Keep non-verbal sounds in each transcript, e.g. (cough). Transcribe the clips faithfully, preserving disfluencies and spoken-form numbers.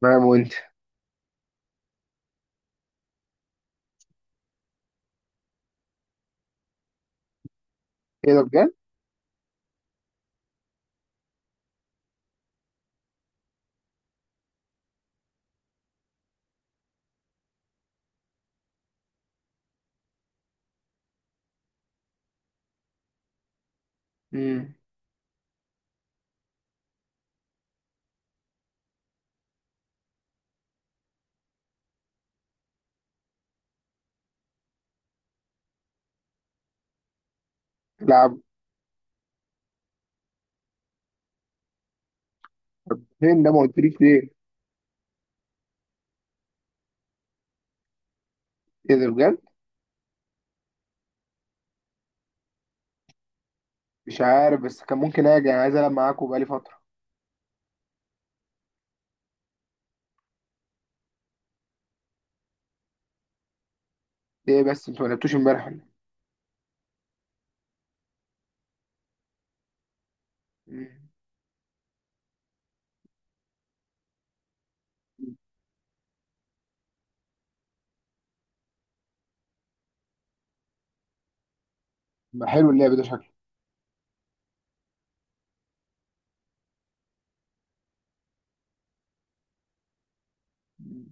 تمام وانت. ايه ده بجد؟ امم. لعب. فين ده ما قلتليش ليه؟ ايه ده بجد؟ مش عارف، بس كان ممكن اجي، انا عايز العب معاكوا بقالي فترة. ليه بس انتوا ما لعبتوش امبارح ولا إيه؟ مم. ما حلو اللعب ده شكله. مم.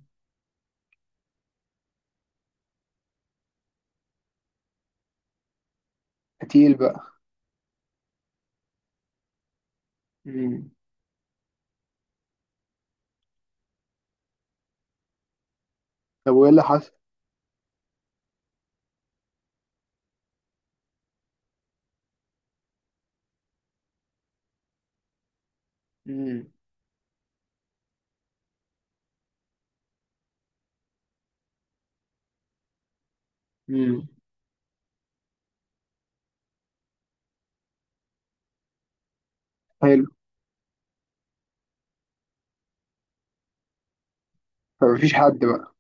قتيل بقى. مم. طب وايه اللي حصل؟ مم. مم. حلو. فمفيش حد بقى.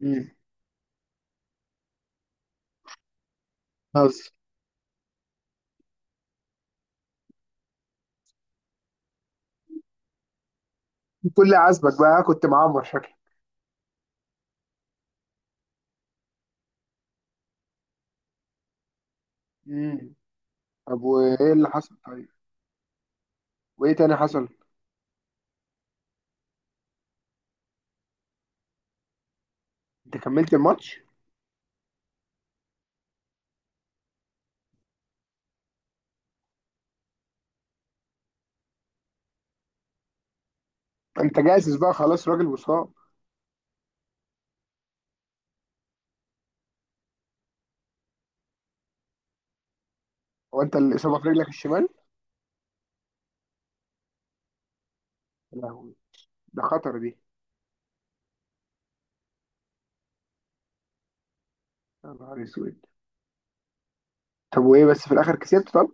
مم. بس كل عزبك بقى كنت معمر شكلك. مم. طب وايه اللي حصل طيب؟ وايه تاني حصل؟ انت كملت الماتش؟ انت جاهز بقى خلاص، راجل وصاب. هو انت الاصابة في رجلك الشمال؟ لا، ده خطر دي. يا نهار اسود. طب وايه بس في الاخر كسبت طب.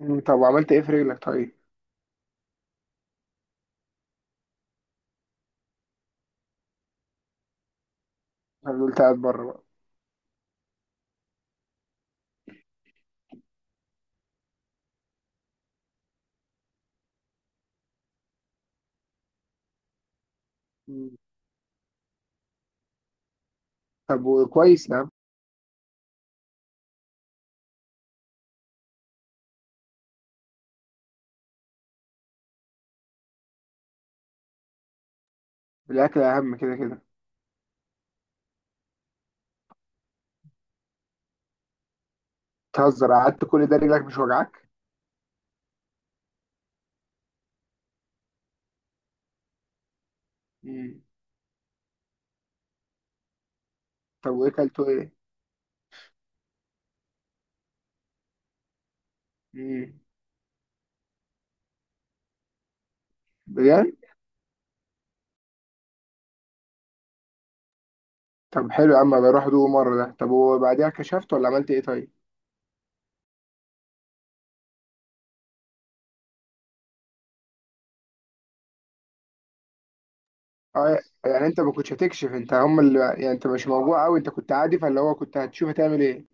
مم، طب وعملت ايه في رجلك طيب. انا قلت قاعد بره بقى. مم. طب وكويس يا عم. الاكل اهم كده كده. تهزر قعدت كل ده رجلك مش وجعك. مم. طب وايه كلته ايه. مم. بجد. طب حلو يا عم، بروح ادوق مره ده. طب وبعديها كشفت ولا عملت ايه طيب؟ اه. يعني انت ما كنتش هتكشف، انت هم اللي، يعني انت مش موجوع قوي، انت كنت عادي، فاللي هو كنت هتشوف هتعمل ايه.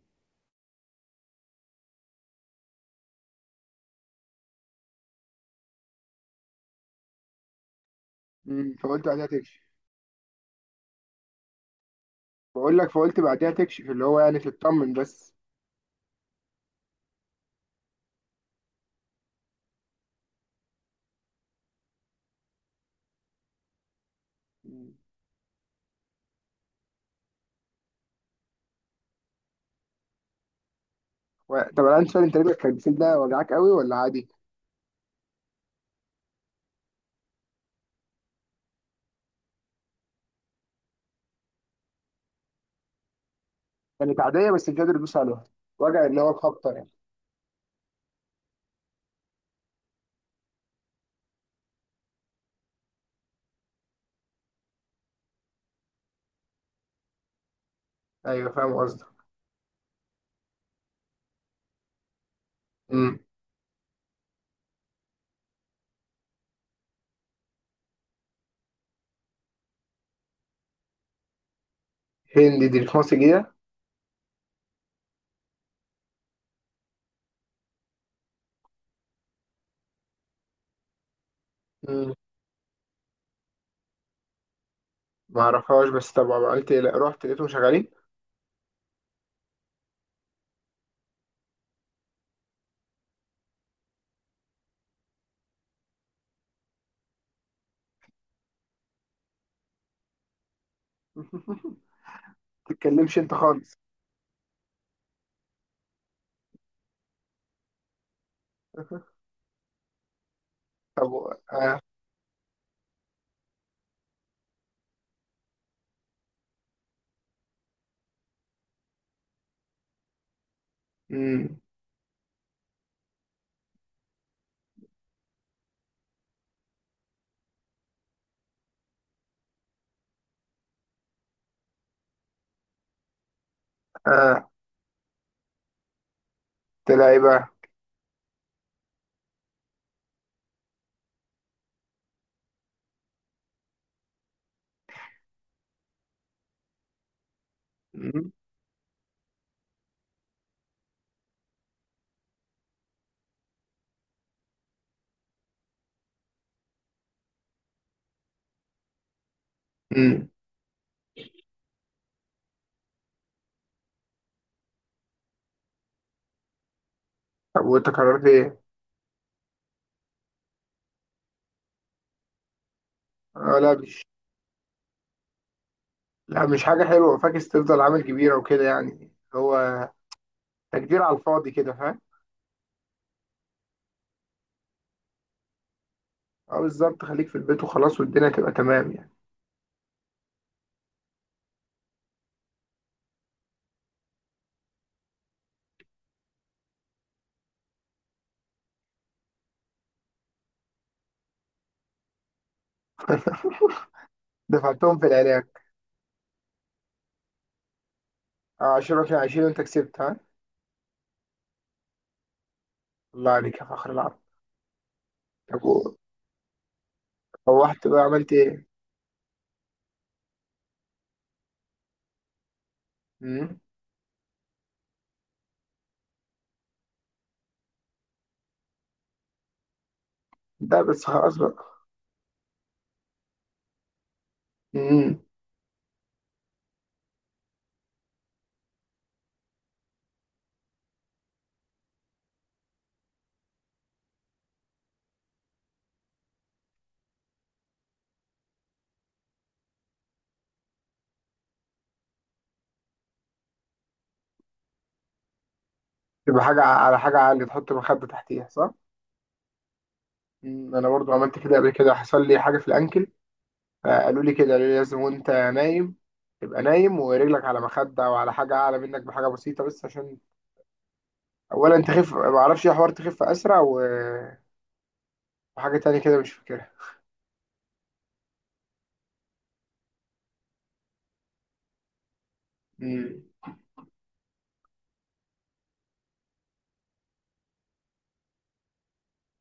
مم. فقلت بعديها تكشف. بقول لك فقلت بعديها تكشف، اللي هو يعني تطمن بس. و... طب انا عندي سؤال، انت رجلك كانت بتسيب وجعك قوي ولا عادي؟ كانت عادية بس مش قادر تدوس عليها. وجع اللي هو الخبطة يعني. ايوه فاهم قصدك. امم. هندي دي في مصر جديدة؟ امم. ما اعرفهاش، بس طبعا عملت إيه؟ لا، رحت لقيتهم شغالين. (laughs) ما تتكلمش انت خالص. طب و- آه. امم. آه. طلع ايه بقى؟ امم. امم. طب وانت قررت ايه؟ اه لا مش لا مش حاجة حلوة، فاكس تفضل عامل كبيرة وكده، يعني هو تكدير على الفاضي كده فاهم؟ اه بالظبط، خليك في البيت وخلاص، والدنيا تبقى تمام يعني. دفعتهم في العراق. آه، عشرة في عشرين وانت كسبت ها. الله عليك يا فخر العرب. طب و- روحت بقى عملت ايه؟ مم؟ ده بس خلاص بقى. مم. تبقى حاجة ع- على حاجة عالية، تحط مخدة تحتيها صح؟ مم. أنا برضو عملت كده قبل كده، حصل لي حاجة في الأنكل، فقالوا لي كده، قالوا لي لازم وأنت نايم تبقى نايم ورجلك على مخدة أو على حاجة أعلى منك بحاجة بسيطة، بس عشان أولا تخف، معرفش إيه حوار، تخف أسرع و... وحاجة تانية كده مش فاكرها. مم.